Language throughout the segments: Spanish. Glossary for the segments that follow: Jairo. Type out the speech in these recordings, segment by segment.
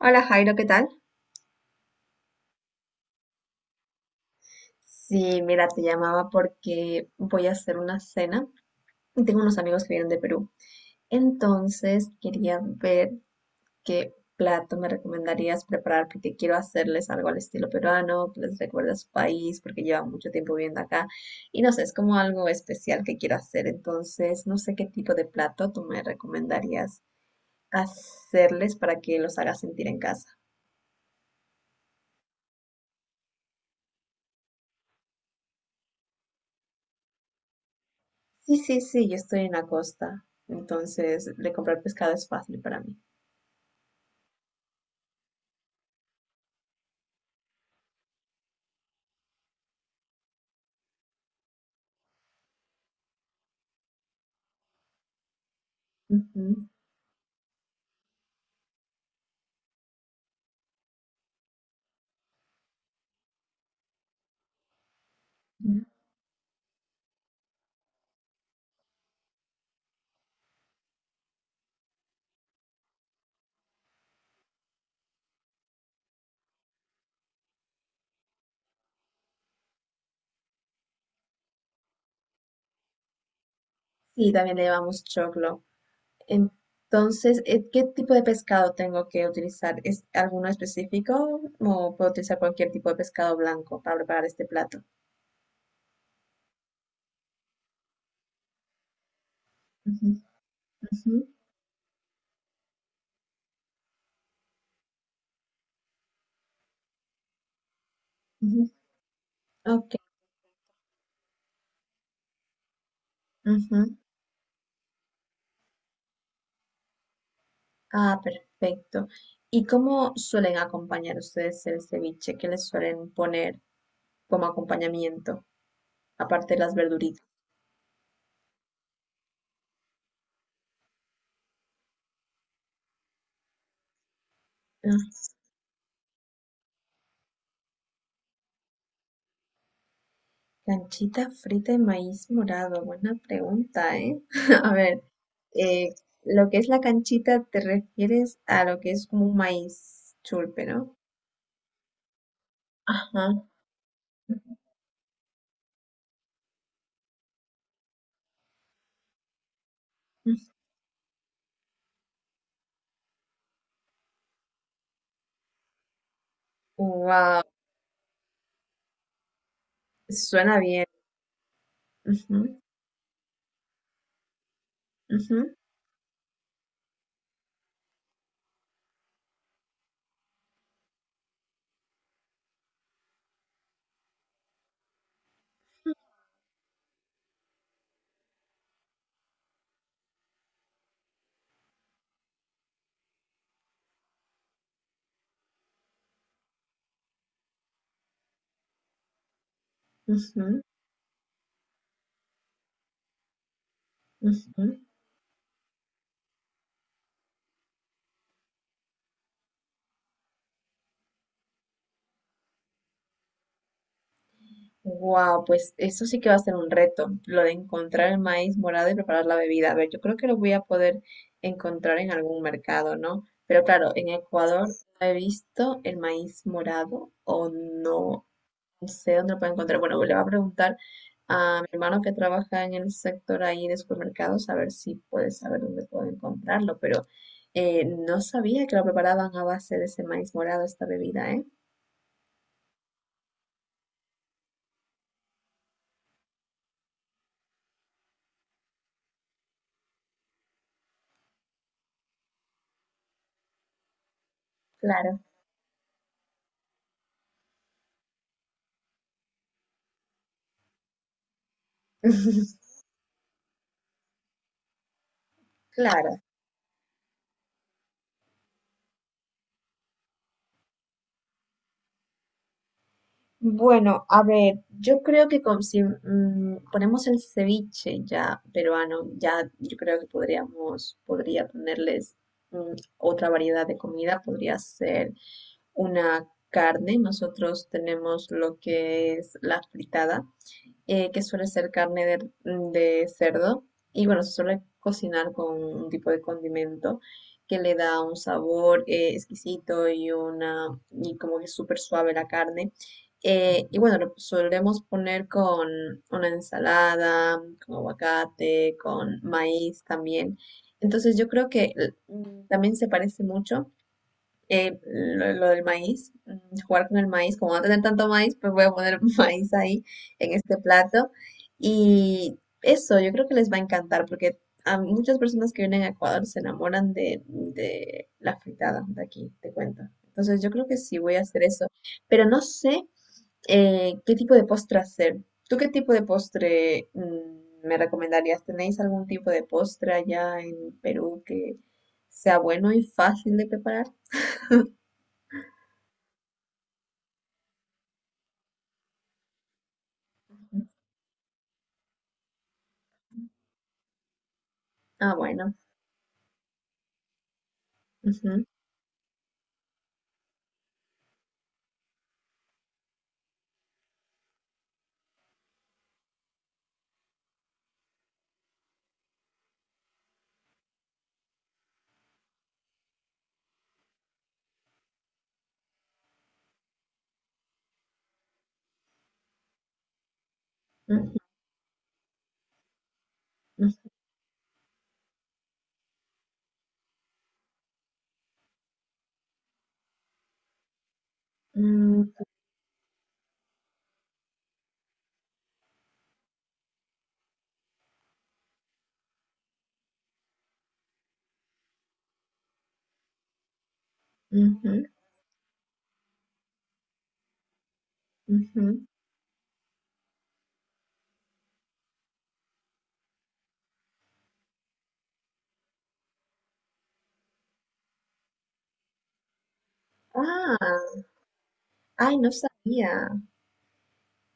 Hola Jairo, ¿qué tal? Sí, mira, te llamaba porque voy a hacer una cena y tengo unos amigos que vienen de Perú. Entonces quería ver qué plato me recomendarías preparar porque quiero hacerles algo al estilo peruano, que les recuerde a su país porque llevan mucho tiempo viviendo acá y no sé, es como algo especial que quiero hacer. Entonces no sé qué tipo de plato tú me recomendarías hacerles para que los haga sentir en casa. Sí, sí, sí, yo estoy en la costa, entonces de comprar pescado es fácil para mí. Ujú. Mm. Sí, también le llevamos choclo. Entonces, ¿qué tipo de pescado tengo que utilizar? ¿Es alguno específico o puedo utilizar cualquier tipo de pescado blanco para preparar este plato? Ujú, ujú, ujú. Ok. Ujú. Ah, perfecto. ¿Y cómo suelen acompañar ustedes el ceviche? ¿Qué les suelen poner como acompañamiento, aparte de las verduritas? Canchita frita de maíz morado. Buena pregunta, ¿eh? A ver, eh, lo que es la canchita te refieres a lo que es como un maíz chulpe, ¿no? Ajá. Wow, suena bien. Ujú, ujú, ujú, ujú. Wow, pues eso sí que va a ser un reto, lo de encontrar el maíz morado y preparar la bebida. A ver, yo creo que lo voy a poder encontrar en algún mercado, ¿no? Pero claro, en Ecuador no he visto el maíz morado o no, no sé dónde lo puedo encontrar. Bueno, le voy a preguntar a mi hermano que trabaja en el sector ahí de supermercados a ver si puede saber dónde puedo encontrarlo, pero no sabía que lo preparaban a base de ese maíz morado, esta bebida, ¿eh? Claro, claro. Bueno, a ver, yo creo que con- si ponemos el ceviche ya peruano, ya yo creo que podríamos, podría ponerles mm, otra variedad de comida, podría ser una carne. Nosotros tenemos lo que es la fritada, que suele ser carne de, de cerdo. Y bueno, se suele cocinar con un tipo de condimento que le da un sabor exquisito y una y como que súper suave la carne. Y bueno, lo solemos poner con una ensalada, con aguacate, con maíz también. Entonces yo creo que también se parece mucho lo del maíz, jugar con el maíz, como no tener tanto maíz, pues voy a poner maíz ahí en este plato. Y eso yo creo que les va a encantar porque a muchas personas que vienen a Ecuador se enamoran de la fritada de aquí, te cuento. Entonces yo creo que sí voy a hacer eso, pero no sé qué tipo de postre hacer. ¿Tú qué tipo de postre me recomendarías? ¿Tenéis algún tipo de postre allá en Perú que sea bueno y fácil de preparar? Ah, bueno. Ujú, ujú, ujú, ujú, ujú. Ah, ay, no sabía.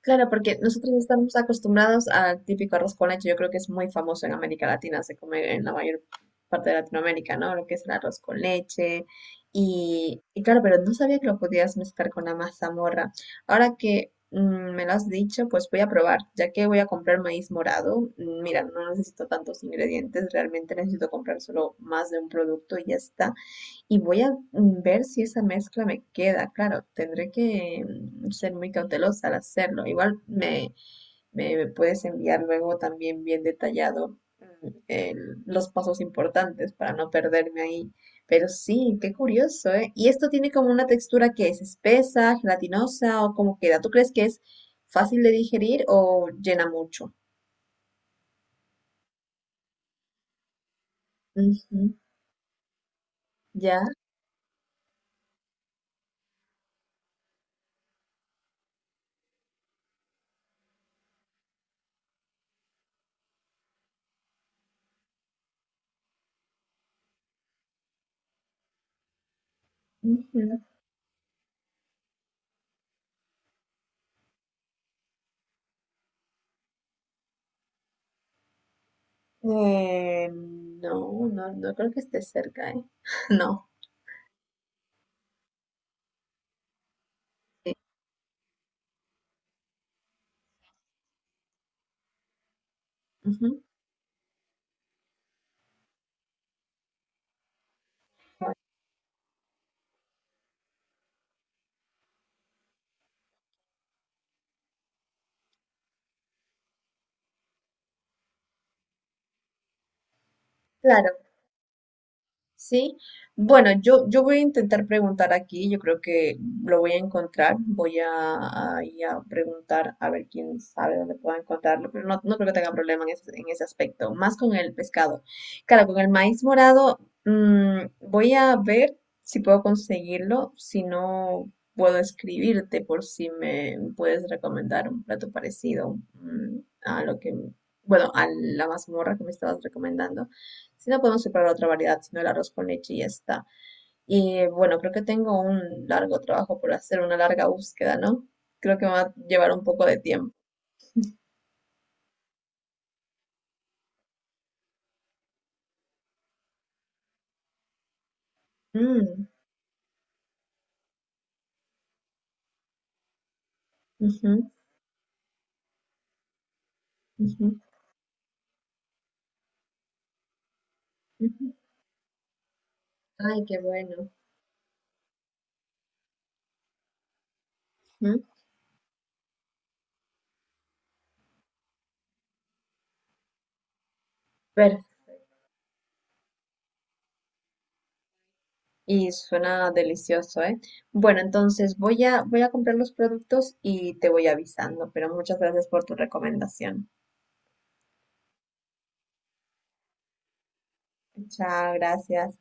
Claro, porque nosotros no estamos acostumbrados al típico arroz con leche. Yo creo que es muy famoso en América Latina, se come en la mayor parte de Latinoamérica, ¿no? Lo que es el arroz con leche. Y claro, pero no sabía que lo podías mezclar con la mazamorra. Ahora que me lo has dicho, pues voy a probar, ya que voy a comprar maíz morado. Mira, no necesito tantos ingredientes, realmente necesito comprar solo más de un producto y ya está. Y voy a ver si esa mezcla me queda. Claro, tendré que ser muy cautelosa al hacerlo. Igual me, me puedes enviar luego también bien detallado el- los pasos importantes para no perderme ahí. Pero sí, qué curioso, ¿eh? Y esto tiene como una textura que es espesa, gelatinosa o cómo queda. ¿Tú crees que es fácil de digerir o llena mucho? Ujú, ya. Ujú. No, no, no creo que esté cerca, ¿eh? No. Ujú, claro, sí. Bueno, yo voy a intentar preguntar aquí, yo creo que lo voy a encontrar, voy a ir a preguntar a ver quién sabe dónde pueda encontrarlo, pero no, no creo que tenga problema en ese aspecto, más con el pescado. Claro, con el maíz morado, voy a ver si puedo conseguirlo, si no puedo escribirte por si me puedes recomendar un plato parecido, a lo que, bueno, a la mazmorra que me estabas recomendando. Si no podemos preparar otra variedad, sino el arroz con leche y ya está. Y bueno, creo que tengo un largo trabajo por hacer, una larga búsqueda, ¿no? Creo que me va a llevar un poco de tiempo. Mm, ujú, ujú, ujú. Ay, qué bueno. Ujú. Ver, y suena delicioso, ¿eh? Bueno, entonces voy a, voy a comprar los productos y te voy avisando, pero muchas gracias por tu recomendación. Chao, gracias.